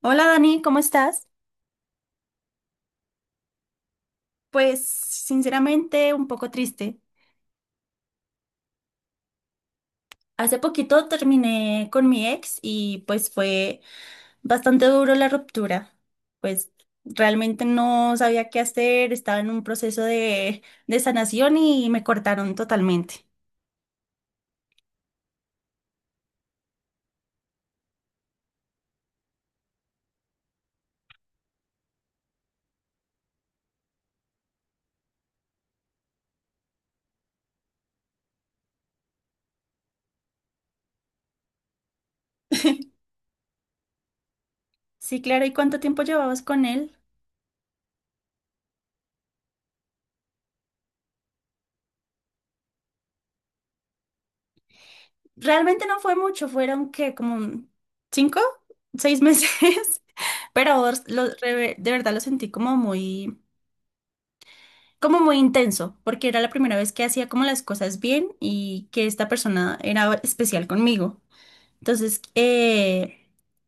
Hola Dani, ¿cómo estás? Pues sinceramente un poco triste. Hace poquito terminé con mi ex y pues fue bastante duro la ruptura. Pues realmente no sabía qué hacer, estaba en un proceso de sanación y me cortaron totalmente. Sí, claro, ¿y cuánto tiempo llevabas con él? Realmente no fue mucho, fueron que como cinco, seis meses, pero de verdad lo sentí como muy, como muy intenso, porque era la primera vez que hacía como las cosas bien y que esta persona era especial conmigo. Entonces,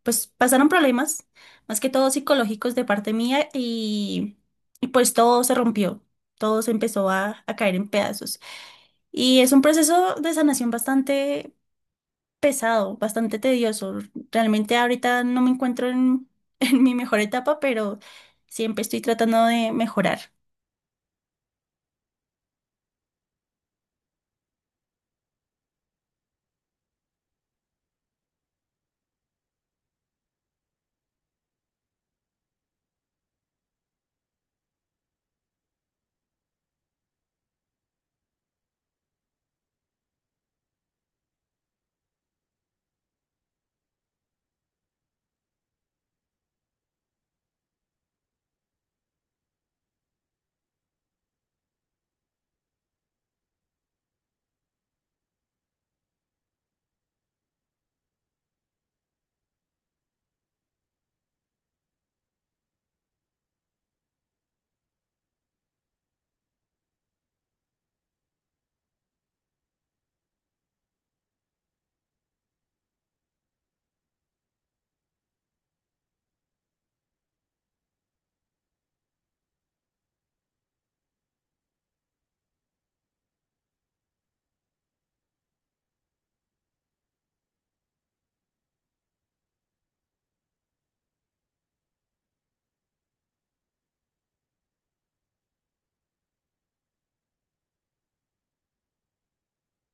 pues pasaron problemas, más que todo psicológicos de parte mía y pues todo se rompió, todo se empezó a caer en pedazos. Y es un proceso de sanación bastante pesado, bastante tedioso. Realmente ahorita no me encuentro en, en mi mejor etapa, pero siempre estoy tratando de mejorar.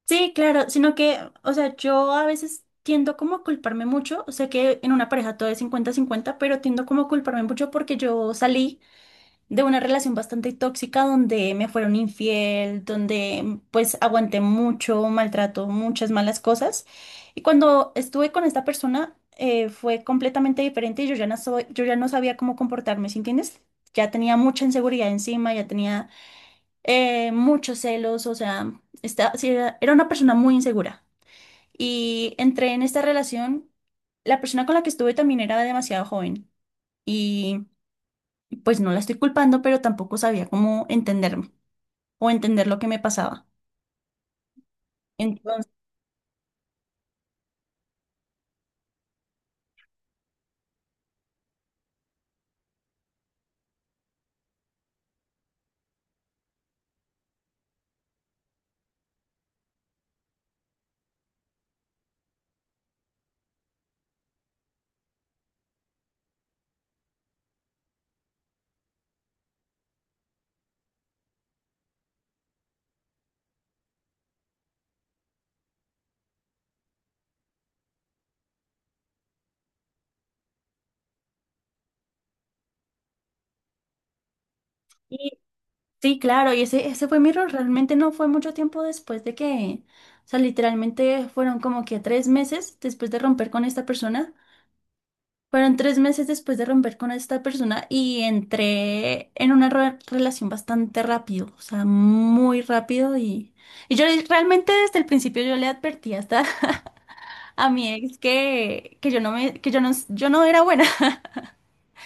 Sí, claro, sino que, o sea, yo a veces tiendo como a culparme mucho, sé que en una pareja todo es cincuenta-cincuenta, pero tiendo como a culparme mucho porque yo salí de una relación bastante tóxica donde me fueron infiel, donde pues aguanté mucho maltrato, muchas malas cosas. Y cuando estuve con esta persona fue completamente diferente y yo ya no soy, yo ya no sabía cómo comportarme, ¿sí entiendes? Ya tenía mucha inseguridad encima, ya tenía muchos celos, o sea, sí, era una persona muy insegura. Y entré en esta relación, la persona con la que estuve también era demasiado joven y pues no la estoy culpando, pero tampoco sabía cómo entenderme o entender lo que me pasaba. Entonces, y- sí, claro, y ese fue mi error, realmente no fue mucho tiempo después de que, o sea, literalmente fueron como que tres meses después de romper con esta persona. Fueron tres meses después de romper con esta persona Y entré en una relación bastante rápido, o sea, muy rápido y, realmente desde el principio yo le advertí hasta a mi ex que yo no era buena,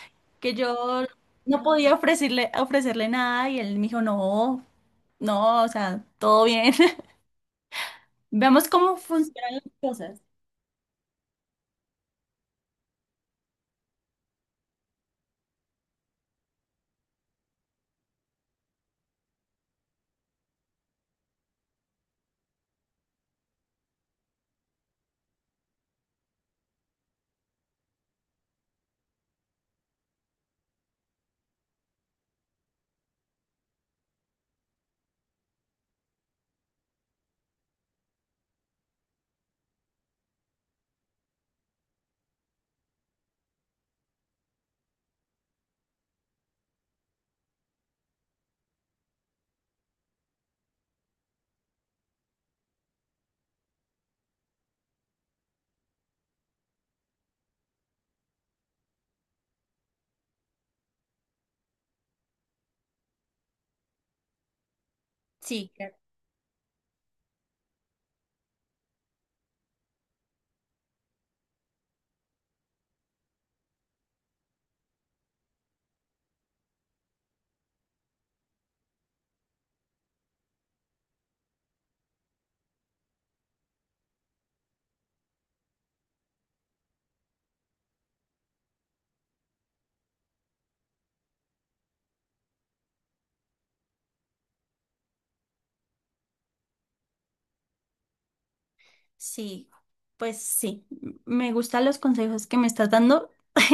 que yo no podía ofrecerle nada y él me dijo, no, no, o sea, todo bien. Veamos cómo funcionan las cosas. Sí, claro. Sí, pues sí, me gustan los consejos que me estás dando.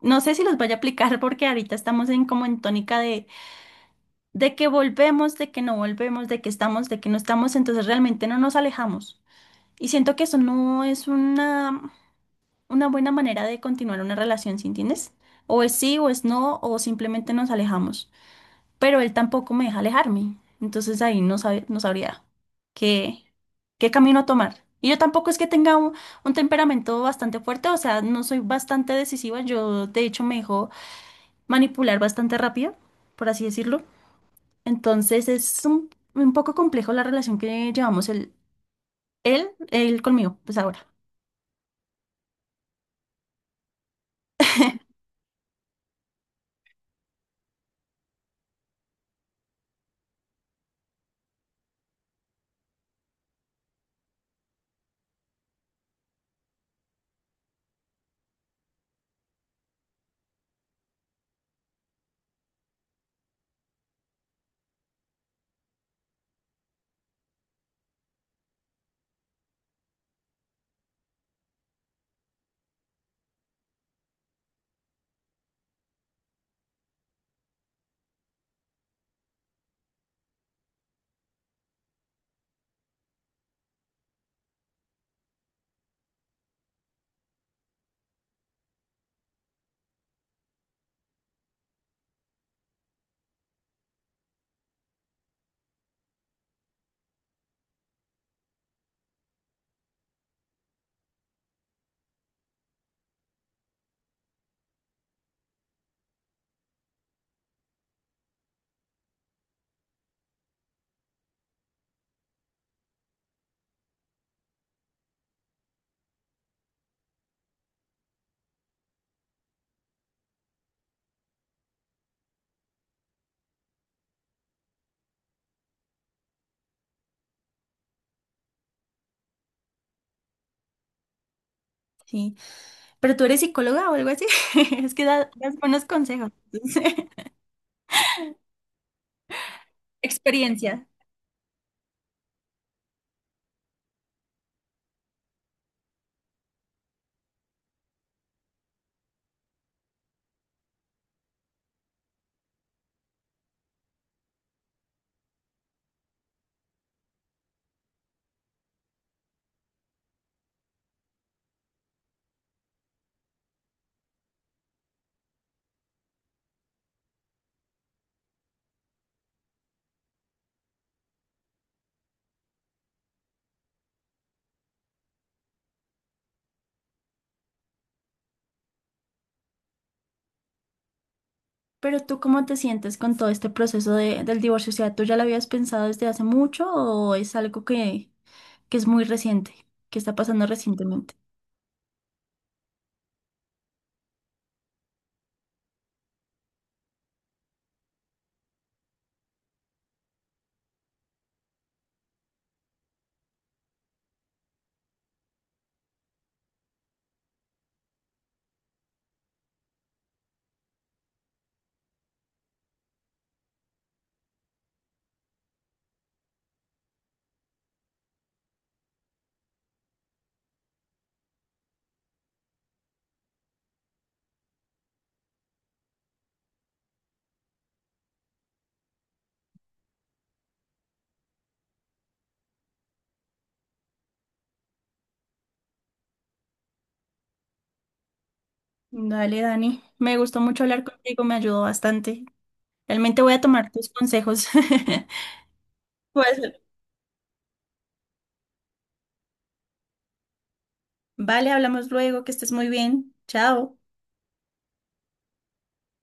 No sé si los vaya a aplicar porque ahorita estamos en como en tónica de que volvemos, de que no volvemos, de que estamos, de que no estamos, entonces realmente no nos alejamos. Y siento que eso no es una buena manera de continuar una relación, ¿sí entiendes? O es sí, o es no, o simplemente nos alejamos, pero él tampoco me deja alejarme. Entonces ahí no sabría qué, qué camino tomar. Y yo tampoco es que tenga un temperamento bastante fuerte, o sea, no soy bastante decisiva. Yo, de hecho, me dejo manipular bastante rápido, por así decirlo. Entonces es un poco complejo la relación que llevamos él conmigo, pues ahora. Sí. Pero tú eres psicóloga o algo así. Es que das buenos consejos. Experiencia. Pero tú, ¿cómo te sientes con todo este proceso del divorcio? O sea, ¿tú ya lo habías pensado desde hace mucho o es algo que es muy reciente, que está pasando recientemente? Dale, Dani. Me gustó mucho hablar contigo, me ayudó bastante. Realmente voy a tomar tus consejos. Pues, vale, hablamos luego, que estés muy bien. Chao.